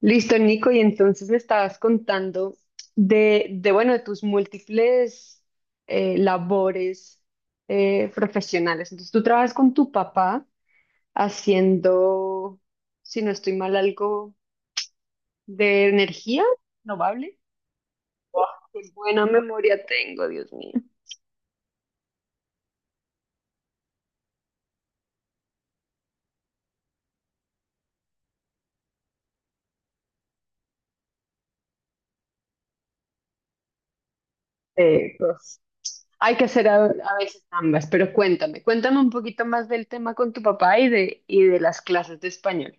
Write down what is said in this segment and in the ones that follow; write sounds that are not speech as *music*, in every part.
Listo, Nico, y entonces me estabas contando de tus múltiples labores profesionales. Entonces, tú trabajas con tu papá haciendo, si no estoy mal, algo de energía renovable. Qué buena memoria tengo, Dios mío. Pues, hay que hacer a veces ambas, pero cuéntame, cuéntame un poquito más del tema con tu papá y de las clases de español.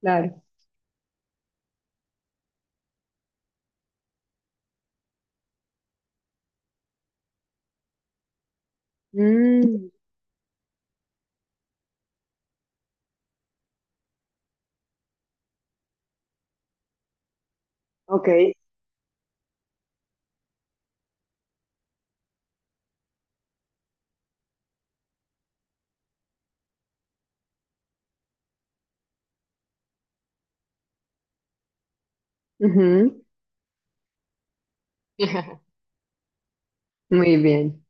Claro. Mm, ok. Ujú. *laughs* Muy bien.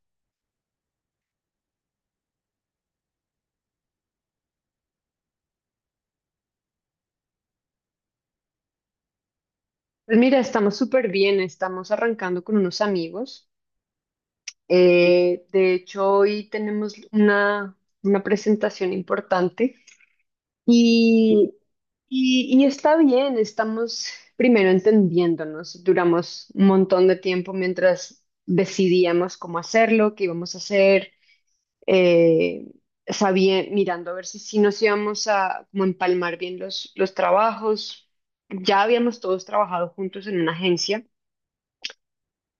Pues mira, estamos súper bien, estamos arrancando con unos amigos. De hecho, hoy tenemos una presentación importante y, y está bien, estamos primero entendiéndonos. Duramos un montón de tiempo mientras decidíamos cómo hacerlo, qué íbamos a hacer. eh, Sabía, mirando a ver si nos íbamos a como empalmar bien los trabajos. Ya habíamos todos trabajado juntos en una agencia,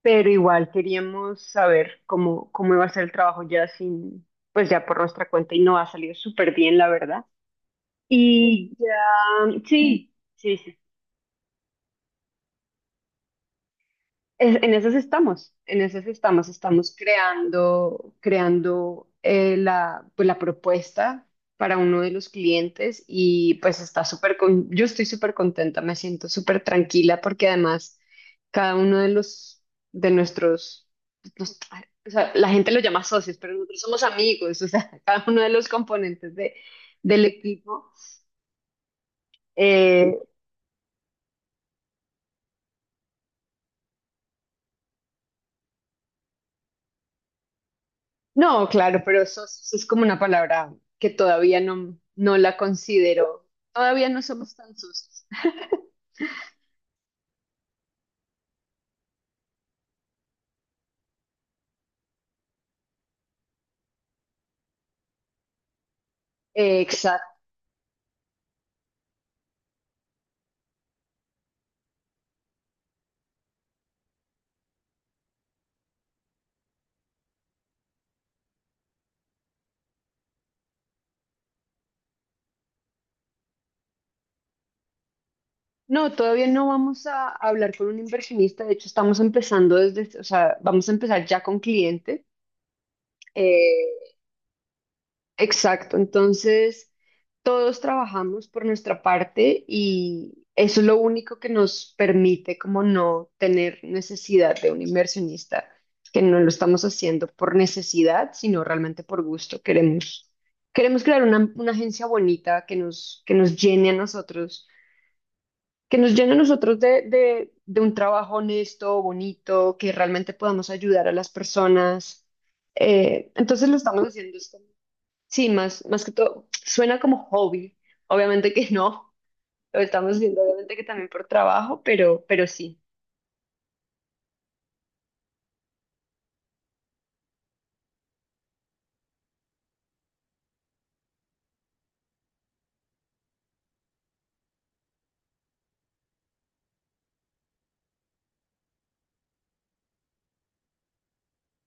pero igual queríamos saber cómo iba a ser el trabajo ya sin, pues ya por nuestra cuenta, y no ha salido súper bien, la verdad. Y ya, sí, sí, sí. En esas estamos, estamos creando la, pues, la propuesta para uno de los clientes y pues está súper, con, yo estoy súper contenta, me siento súper tranquila porque además cada uno de los, de nuestros, los- o sea, la gente lo llama socios, pero nosotros somos amigos, o sea, *laughs* cada uno de los componentes de, del equipo eh, no, claro, pero eso es como una palabra que todavía no la considero. Todavía no somos tan socios. Exacto. No, todavía no vamos a hablar con un inversionista. De hecho, estamos empezando desde, o sea, vamos a empezar ya con cliente. Eh, Exacto, entonces todos trabajamos por nuestra parte y eso es lo único que nos permite como no tener necesidad de un inversionista, que no lo estamos haciendo por necesidad, sino realmente por gusto. Queremos crear una agencia bonita que nos llene a nosotros, que nos llene a nosotros de un trabajo honesto, bonito, que realmente podamos ayudar a las personas. Entonces lo estamos haciendo. Sí, más, más que todo, suena como hobby. Obviamente que no, lo estamos haciendo obviamente que también por trabajo, pero sí.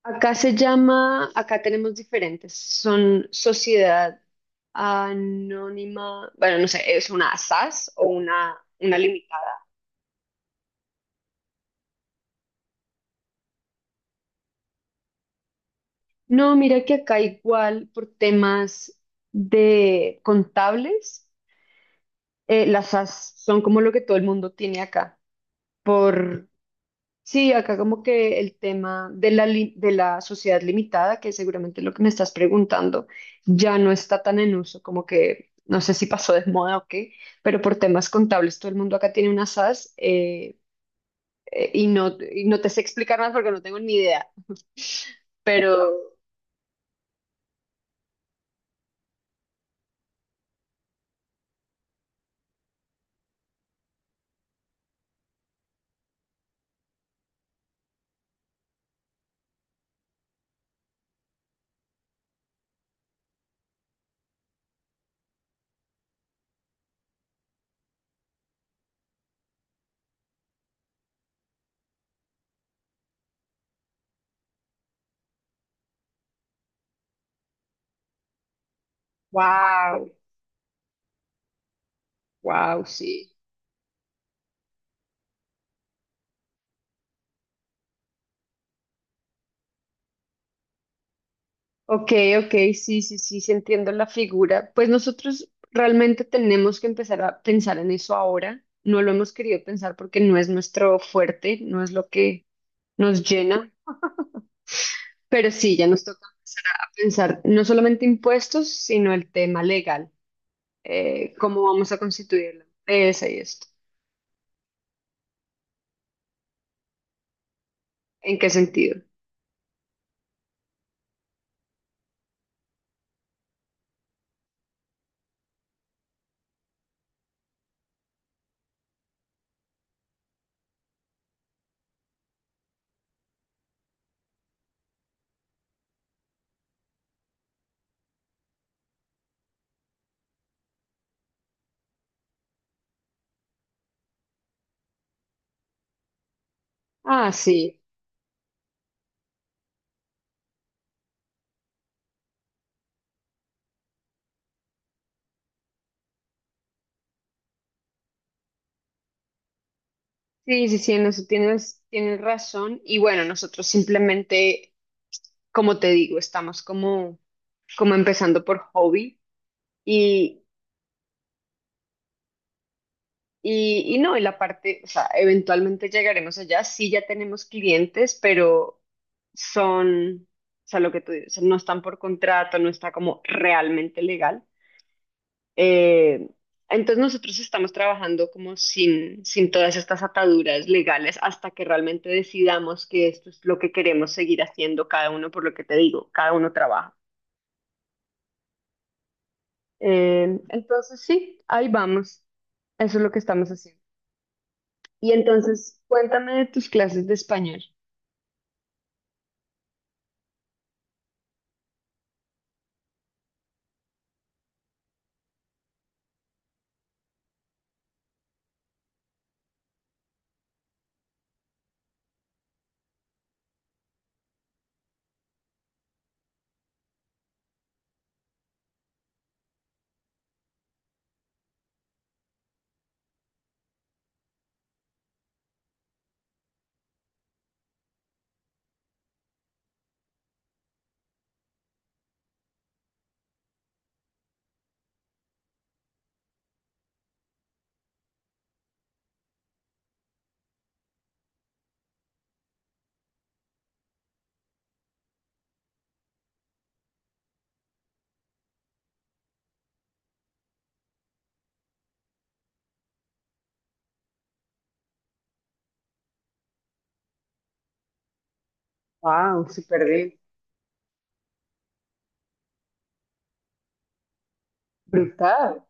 Acá se llama, acá tenemos diferentes, son sociedad anónima, bueno, no sé, es una SAS o una limitada. No, mira que acá igual por temas de contables, las SAS son como lo que todo el mundo tiene acá, por… Sí, acá como que el tema de de la sociedad limitada, que seguramente es lo que me estás preguntando, ya no está tan en uso, como que no sé si pasó de moda o qué, pero por temas contables todo el mundo acá tiene una SAS y no te sé explicar más porque no tengo ni idea. *laughs* Pero wow, wow, sí. Ok, ok, sí, sí, sí, sí, entiendo la figura. Pues nosotros realmente tenemos que empezar a pensar en eso ahora. No lo hemos querido pensar porque no es nuestro fuerte, no es lo que nos llena, pero sí, ya nos toca empezar a pensar no solamente impuestos, sino el tema legal. ¿Cómo vamos a constituirlo? Esa y esto. ¿En qué sentido? Ah, sí. Sí, sí, sí, en eso tienes, tienes razón. Y bueno, nosotros simplemente, como te digo, estamos como, como empezando por hobby y, y no, y la parte, o sea, eventualmente llegaremos allá, sí ya tenemos clientes, pero son, o sea, lo que tú dices, no están por contrato, no está como realmente legal. Eh, entonces nosotros estamos trabajando como sin, sin todas estas ataduras legales hasta que realmente decidamos que esto es lo que queremos seguir haciendo cada uno, por lo que te digo, cada uno trabaja. Entonces, sí, ahí vamos. Eso es lo que estamos haciendo. Y entonces, cuéntame de tus clases de español. Wow, súper bien. Brutal.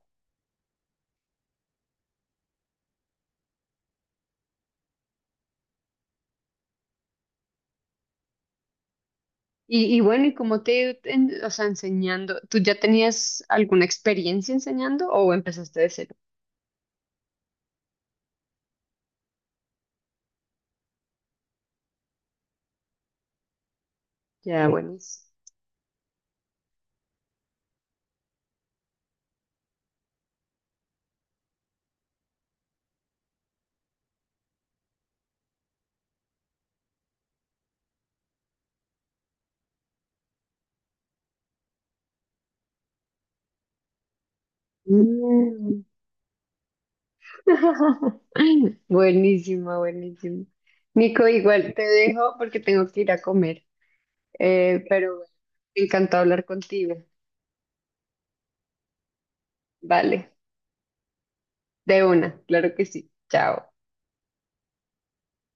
Y bueno, ¿y cómo te ha ido en- o sea, enseñando? ¿Tú ya tenías alguna experiencia enseñando o empezaste de cero? Ya, buenísimo. Mm. *laughs* Buenísimo, buenísimo. Nico, igual te dejo porque tengo que ir a comer. Pero bueno, encantado hablar contigo. Vale. De una, claro que sí. Chao.